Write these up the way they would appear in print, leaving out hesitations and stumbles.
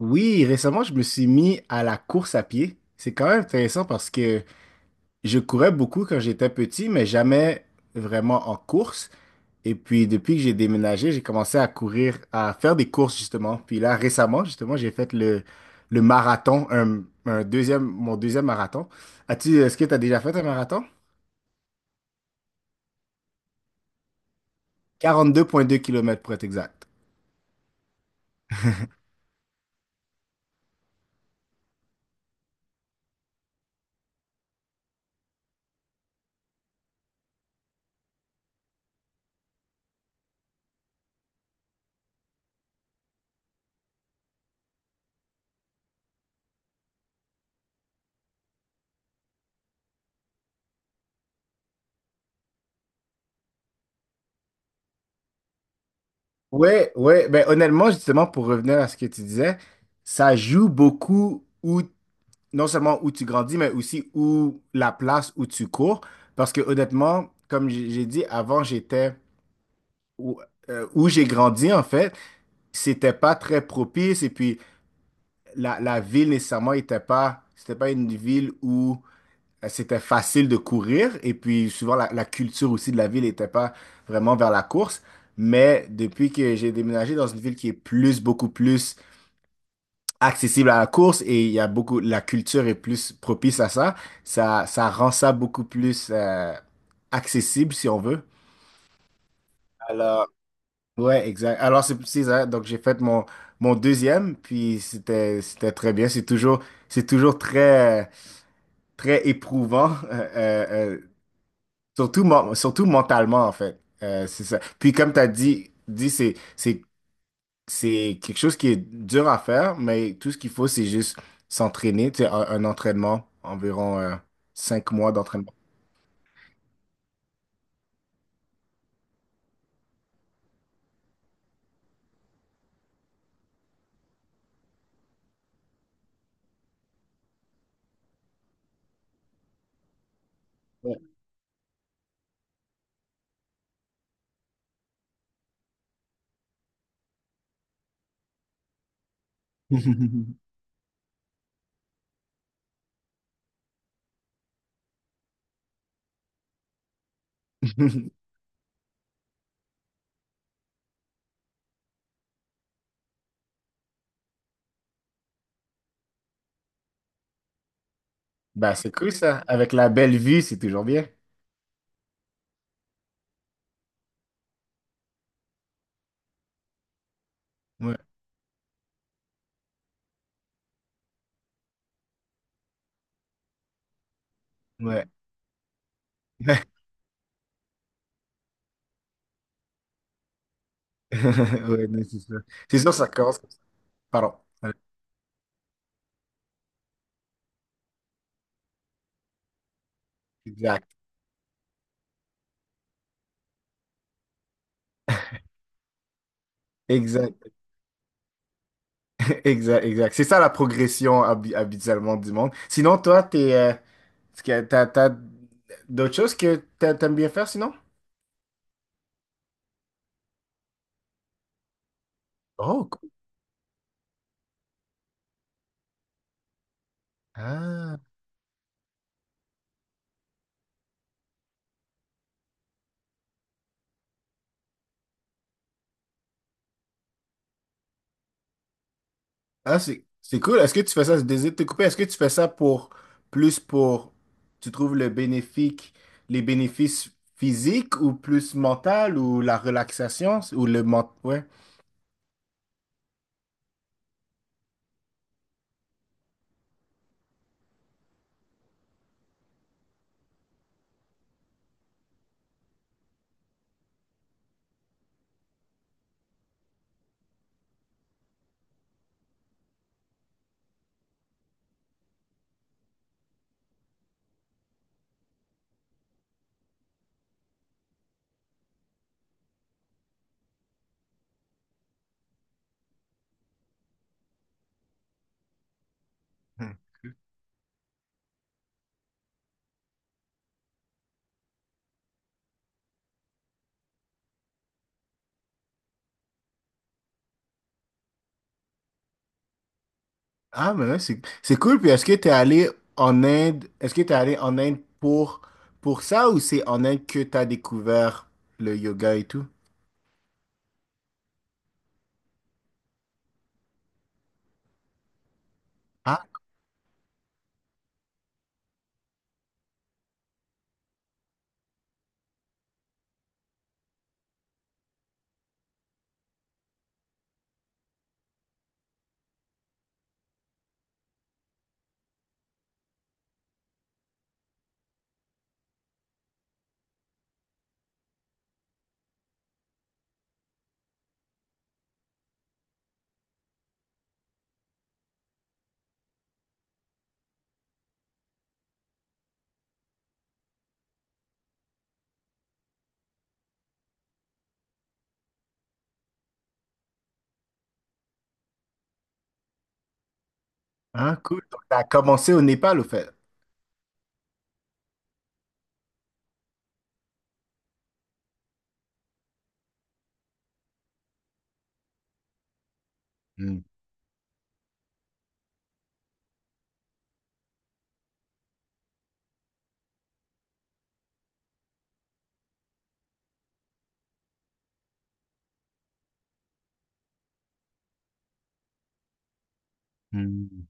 Oui, récemment, je me suis mis à la course à pied. C'est quand même intéressant parce que je courais beaucoup quand j'étais petit, mais jamais vraiment en course. Et puis, depuis que j'ai déménagé, j'ai commencé à courir, à faire des courses, justement. Puis là, récemment, justement, j'ai fait le marathon, un deuxième, mon deuxième marathon. As-tu, est-ce que tu as déjà fait un marathon? 42,2 km pour être exact. Ouais, ouais, ben honnêtement, justement, pour revenir à ce que tu disais, ça joue beaucoup où. Non seulement où tu grandis, mais aussi où la place où tu cours. Parce que honnêtement, comme j'ai dit avant, j'étais où, où j'ai grandi, en fait, c'était pas très propice. Et puis la ville nécessairement était pas, c'était pas une ville où c'était facile de courir. Et puis souvent la culture aussi de la ville n'était pas vraiment vers la course. Mais depuis que j'ai déménagé dans une ville qui est plus, beaucoup plus accessible à la course, et il y a beaucoup, la culture est plus propice à ça. Ça rend ça beaucoup plus accessible, si on veut. Alors, ouais, exact. Alors, c'est ça. Donc, j'ai fait mon deuxième, puis c'était très bien. C'est toujours très, très éprouvant, surtout, surtout mentalement, en fait. C'est ça. Puis, comme tu as dit c'est, c'est quelque chose qui est dur à faire, mais tout ce qu'il faut, c'est juste s'entraîner. Tu sais, un entraînement, environ 5 mois d'entraînement. Ouais. Ben, c'est cool, ça. Avec la belle vue, c'est toujours bien. Ouais, ouais. Ouais, non, c'est ça. C'est sûr, ça commence comme ça. Pardon. Ouais, exact. Exact. Exact. Exact. C'est ça, la progression habituellement du monde. Sinon, toi, est-ce que t'as d'autres choses que t'aimes bien faire sinon? Oh, cool. Ah. Ah, c'est cool. Est-ce que tu fais ça, je désire te couper, est-ce que tu fais ça pour, plus pour, tu trouves le bénéfique, les bénéfices physiques ou plus mental ou la relaxation ou Ouais. Ah, mais ouais, c'est cool. Puis est-ce que tu es allé en Inde, est-ce que tu es allé en Inde pour, ça, ou c'est en Inde que tu as découvert le yoga et tout? Ah, ah, cool. Donc, tu as commencé au Népal, au fait. Hmm. Hmm.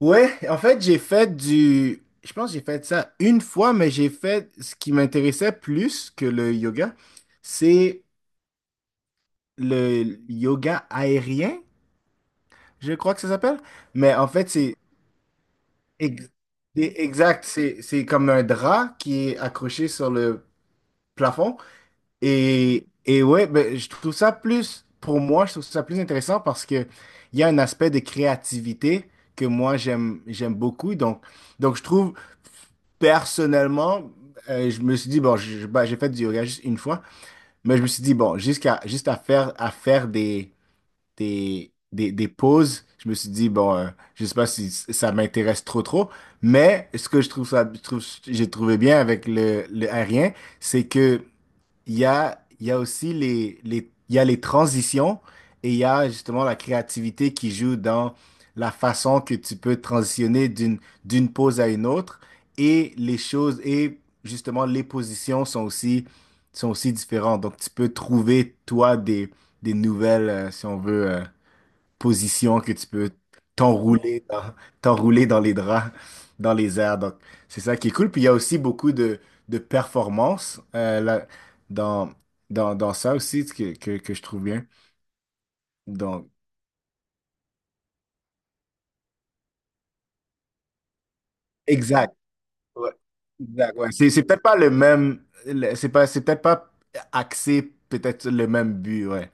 Ouais, en fait, Je pense que j'ai fait ça une fois, mais j'ai fait ce qui m'intéressait plus que le yoga. C'est le yoga aérien, je crois que ça s'appelle. Mais en fait, c'est ex- exact. C'est comme un drap qui est accroché sur le plafond. Et ouais, ben, je trouve ça plus, pour moi, je trouve ça plus intéressant parce que il y a un aspect de créativité que moi, j'aime beaucoup. Donc, je trouve, personnellement, je me suis dit, bon, j'ai fait du yoga juste une fois, mais je me suis dit, bon, juste à faire des pauses, je me suis dit, bon, je sais pas si ça m'intéresse trop, trop, mais ce que je trouve ça, je trouve, j'ai trouvé bien avec le aérien, c'est que il y a aussi il y a les transitions, et il y a justement la créativité qui joue dans la façon que tu peux transitionner d'une pose à une autre, et les choses, et justement les positions sont aussi différentes. Donc tu peux trouver toi des nouvelles, si on veut, position que tu peux t'enrouler dans, t'enrouler dans les draps, dans les airs. Donc, c'est ça qui est cool. Puis il y a aussi beaucoup de performances là, dans, dans ça aussi que je trouve bien. Donc, exact. Ouais. Exact, ouais. C'est peut-être pas le même, c'est pas, c'est peut-être pas axé peut-être sur le même but, ouais.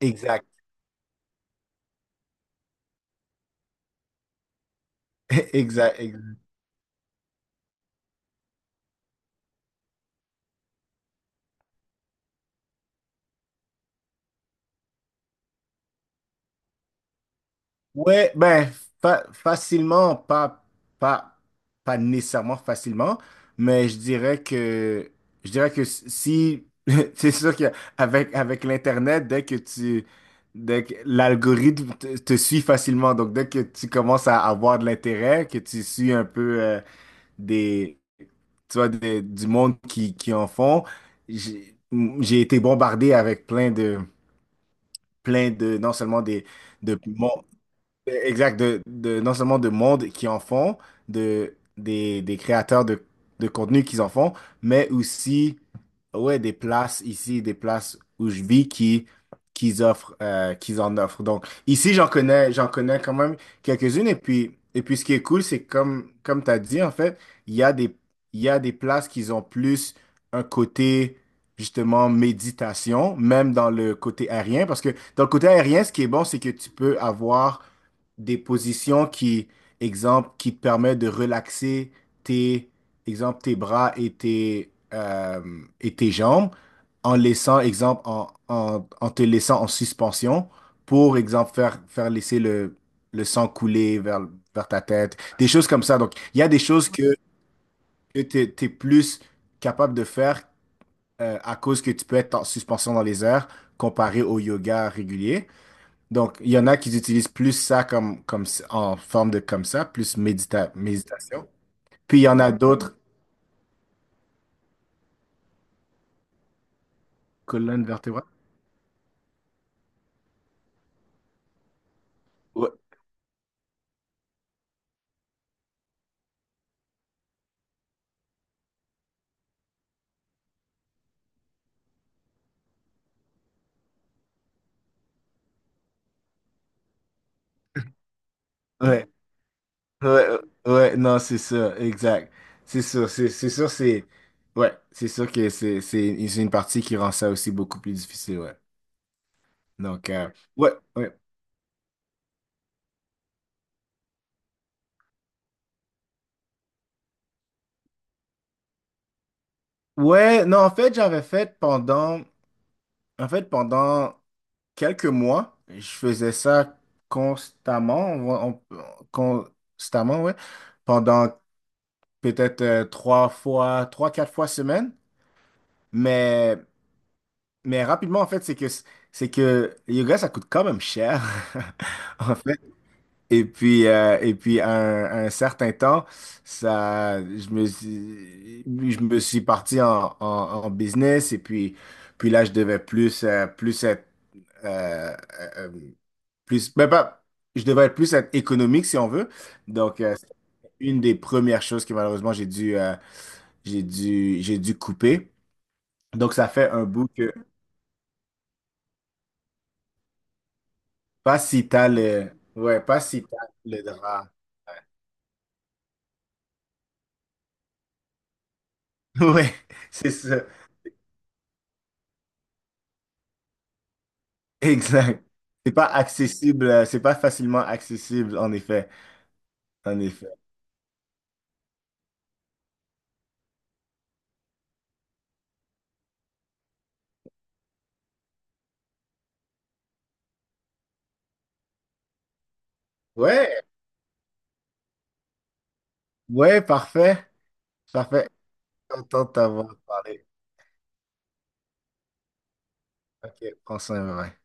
Exact. Exact, exact. Ouais, ben, facilement, pas, pas nécessairement facilement, mais je dirais que si, c'est sûr qu'avec, avec l'Internet, dès que l'algorithme te suit facilement, donc dès que tu commences à avoir de l'intérêt, que tu suis un peu des, tu vois, du monde qui en font, j'ai j'ai été bombardé avec plein de, non seulement des, de, exact, de, non seulement de monde qui en font, de, des créateurs de contenu qui en font, mais aussi ouais, des places ici, des places où je vis qui offrent, qu'ils en offrent. Donc ici, j'en connais quand même quelques-unes. Et puis ce qui est cool, c'est comme tu as dit, en fait, il y a des, il y a des places qui ont plus un côté justement méditation, même dans le côté aérien, parce que dans le côté aérien, ce qui est bon, c'est que tu peux avoir des positions qui, exemple, qui te permettent de relaxer tes, exemple, tes bras et et tes jambes, en laissant, exemple, en te laissant en suspension pour, exemple, faire laisser le sang couler vers ta tête, des choses comme ça. Donc, il y a des choses que tu es plus capable de faire à cause que tu peux être en suspension dans les airs comparé au yoga régulier. Donc, il y en a qui utilisent plus ça comme, en forme de comme ça, plus méditation. Puis il y en a d'autres, colonne vertébrale. Ouais, ouais, ouais, ouais, non, c'est ça, exact. C'est sûr, c'est sûr, c'est ouais, c'est sûr que c'est une partie qui rend ça aussi beaucoup plus difficile, ouais. Donc, ouais, ouais, ouais, non, en fait, pendant quelques mois, je faisais ça constamment, constamment, ouais, pendant peut-être 3 fois, trois, 4 fois semaine. Mais, mais rapidement, en fait, c'est que le yoga, ça coûte quand même cher, en fait. Et puis à un certain temps, ça, je me suis parti en, en business. Et puis là, je devais plus, plus être, euh, euh, euh, plus, ben, pas, je devais plus être économique, si on veut. Donc, c'est une des premières choses que malheureusement, j'ai dû couper. Donc, ça fait un bout que pas si t'as le, ouais, pas si t'as le drap. Ouais, c'est ça. Exact. C'est pas accessible, c'est pas facilement accessible, en effet. En effet. Ouais, ouais, parfait. Parfait. Content de t'avoir parlé. Ok, prends soin, bye.